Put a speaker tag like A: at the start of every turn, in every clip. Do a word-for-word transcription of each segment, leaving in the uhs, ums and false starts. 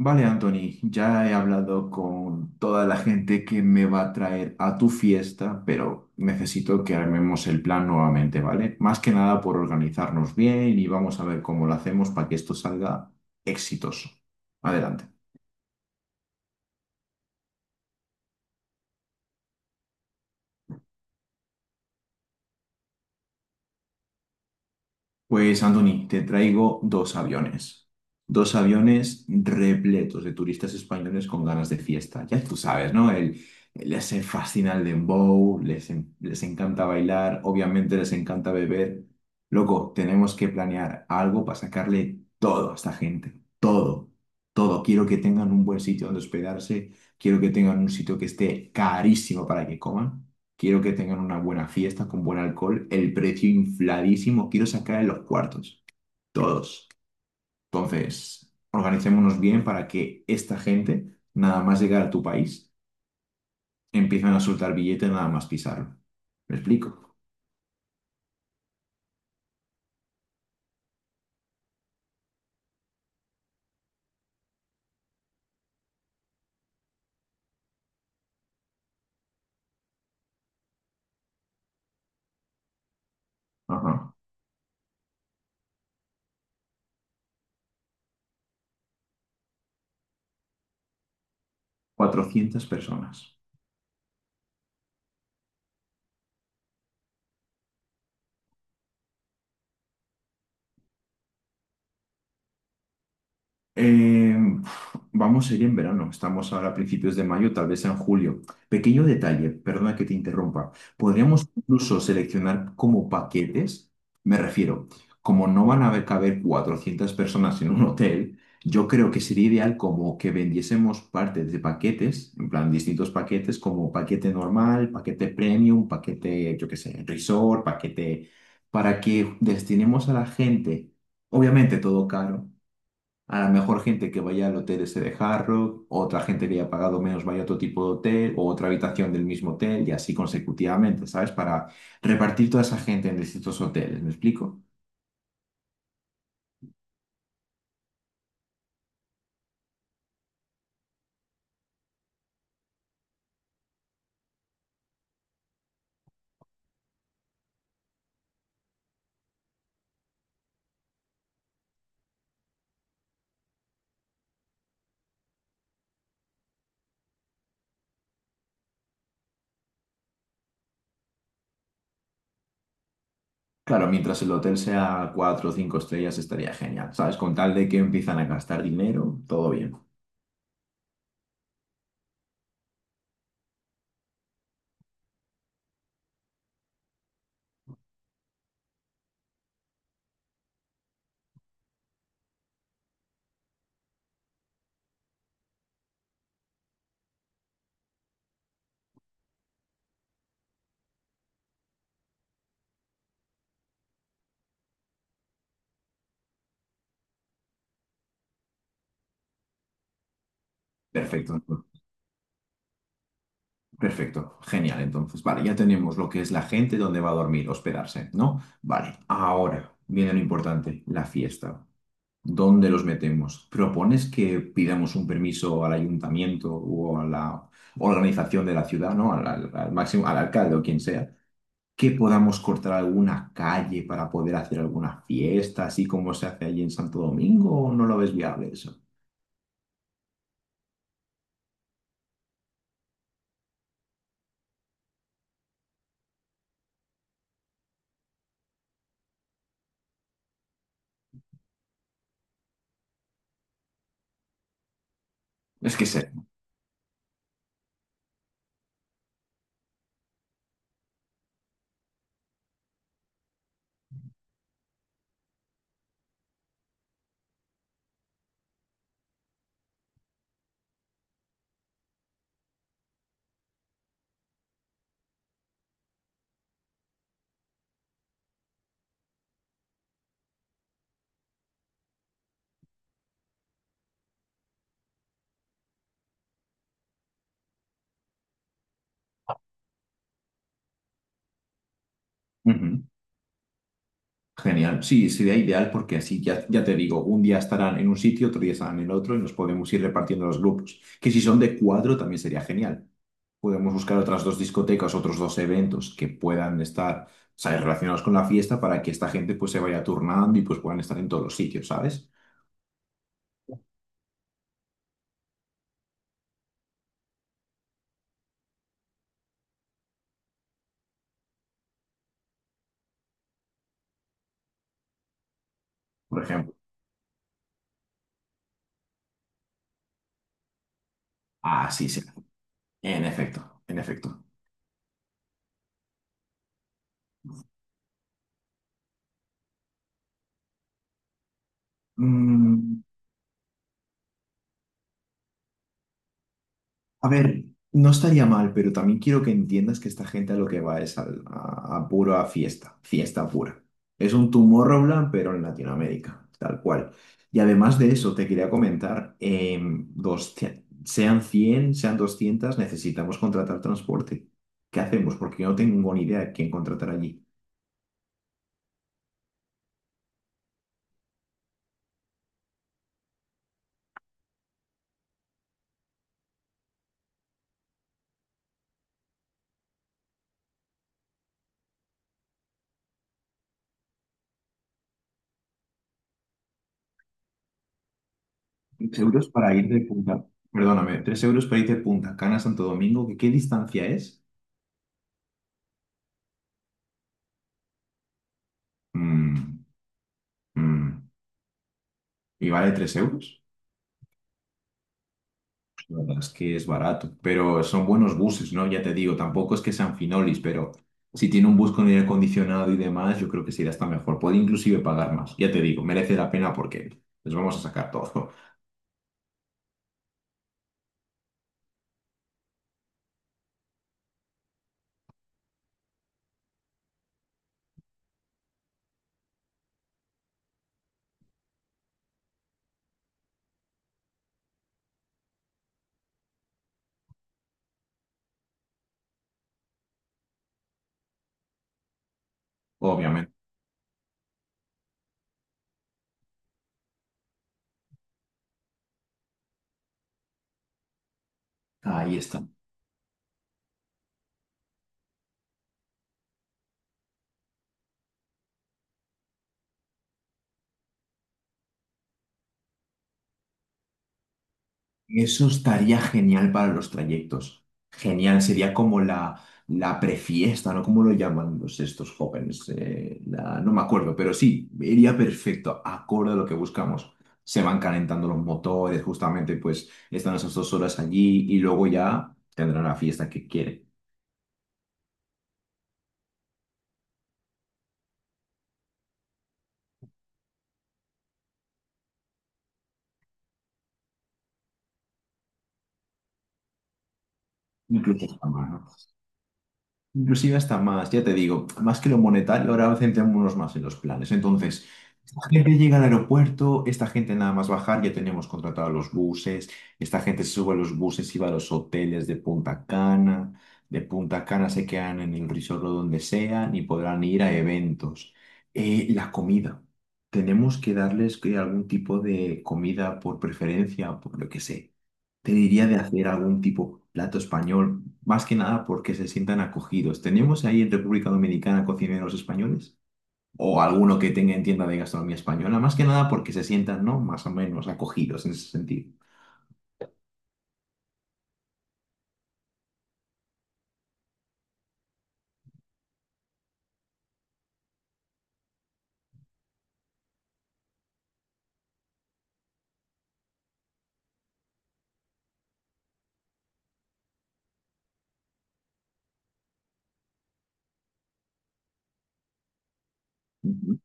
A: Vale, Anthony, ya he hablado con toda la gente que me va a traer a tu fiesta, pero necesito que armemos el plan nuevamente, ¿vale? Más que nada por organizarnos bien y vamos a ver cómo lo hacemos para que esto salga exitoso. Adelante. Pues, Anthony, te traigo dos aviones. Dos aviones repletos de turistas españoles con ganas de fiesta. Ya tú sabes, ¿no? El, les fascina el dembow, les, en- les encanta bailar, obviamente les encanta beber. Loco, tenemos que planear algo para sacarle todo a esta gente. Todo, todo. Quiero que tengan un buen sitio donde hospedarse. Quiero que tengan un sitio que esté carísimo para que coman. Quiero que tengan una buena fiesta con buen alcohol, el precio infladísimo, quiero sacar en los cuartos, todos. Entonces, organicémonos bien para que esta gente, nada más llegar a tu país, empiecen a soltar billetes nada más pisarlo. ¿Me explico? Ajá. Cuatrocientas personas. Eh, Vamos a ir en verano, estamos ahora a principios de mayo, tal vez en julio. Pequeño detalle, perdona que te interrumpa. Podríamos incluso seleccionar como paquetes, me refiero, como no van a caber cuatrocientas personas en un hotel, yo creo que sería ideal como que vendiésemos partes de paquetes, en plan distintos paquetes, como paquete normal, paquete premium, paquete, yo qué sé, resort, paquete, para que destinemos a la gente, obviamente todo caro. A lo mejor gente que vaya al hotel ese de Hard Rock, otra gente que haya pagado menos vaya a otro tipo de hotel o otra habitación del mismo hotel y así consecutivamente, ¿sabes? Para repartir toda esa gente en distintos hoteles, ¿me explico? Claro, mientras el hotel sea cuatro o cinco estrellas estaría genial, ¿sabes? Con tal de que empiezan a gastar dinero, todo bien. Perfecto, perfecto, genial. Entonces, vale, ya tenemos lo que es la gente, dónde va a dormir, hospedarse, ¿no? Vale, ahora viene lo importante, la fiesta. ¿Dónde los metemos? ¿Propones que pidamos un permiso al ayuntamiento o a la organización de la ciudad, ¿no? Al, al- al máximo, al alcalde o quien sea, que podamos cortar alguna calle para poder hacer alguna fiesta, así como se hace allí en Santo Domingo, o no lo ves viable eso? Es que sé. Ujú. Genial. Sí, sería ideal porque así ya, ya te digo, un día estarán en un sitio, otro día estarán en el otro y nos podemos ir repartiendo los grupos. Que si son de cuatro también sería genial. Podemos buscar otras dos discotecas, otros dos eventos que puedan estar, o sea, relacionados con la fiesta para que esta gente pues se vaya turnando y pues puedan estar en todos los sitios, ¿sabes? Por ejemplo. Ah, sí, sí. En efecto, en efecto. Mm, A ver, no estaría mal, pero también quiero que entiendas que esta gente a lo que va es al- a, a pura fiesta, fiesta pura. Es un Tomorrowland, pero en Latinoamérica, tal cual. Y además de eso, te quería comentar, em, dos- sean cien, sean doscientas, necesitamos contratar transporte. ¿Qué hacemos? Porque yo no tengo ni idea de quién contratar allí. Tres euros para ir de Punta, perdóname, tres euros para ir de Punta Cana a Santo Domingo, ¿qué, qué distancia es? Mm, mm, ¿y vale tres euros? La verdad es que es barato, pero son buenos buses, ¿no? Ya te digo, tampoco es que sean finolis, pero si tiene un bus con aire acondicionado y demás, yo creo que sería hasta mejor. Puede inclusive pagar más, ya te digo, merece la pena porque les vamos a sacar todo, obviamente. Ahí está. Eso estaría genial para los trayectos. Genial, sería como la, la prefiesta, ¿no? ¿Cómo lo llaman los, estos jóvenes? Eh, la- no me acuerdo, pero sí, iría perfecto, acorde a lo que buscamos. Se van calentando los motores, justamente, pues están esas dos horas allí y luego ya tendrán la fiesta que quieren. Incluso hasta más, ¿no? Inclusive hasta más, ya te digo, más que lo monetario, ahora centrémonos más en los planes. Entonces, esta gente llega al aeropuerto, esta gente nada más bajar, ya tenemos contratados los buses, esta gente se sube a los buses y va a los hoteles de Punta Cana, de Punta Cana se quedan en el resort o donde sean y podrán ir a eventos. Eh, la comida, tenemos que darles que algún tipo de comida por preferencia, por lo que sé. Te diría de hacer algún tipo de plato español, más que nada porque se sientan acogidos. ¿Tenemos ahí en República Dominicana cocineros españoles? O alguno que tenga en tienda de gastronomía española, más que nada porque se sientan, ¿no? Más o menos acogidos en ese sentido. Ujú.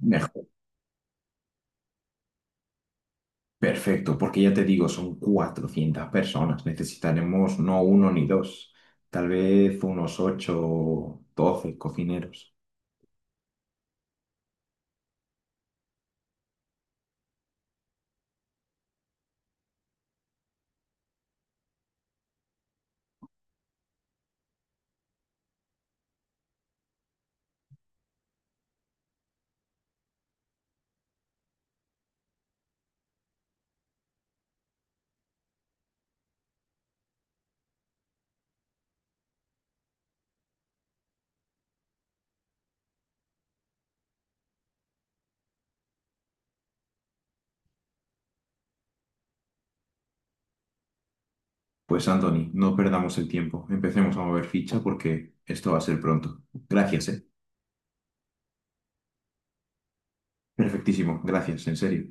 A: Mejor. Perfecto, porque ya te digo, son cuatrocientas personas. Necesitaremos no uno ni dos, tal vez unos ocho doce cocineros. Pues Anthony, no perdamos el tiempo. Empecemos a mover ficha porque esto va a ser pronto. Gracias, ¿eh? Perfectísimo, gracias, en serio.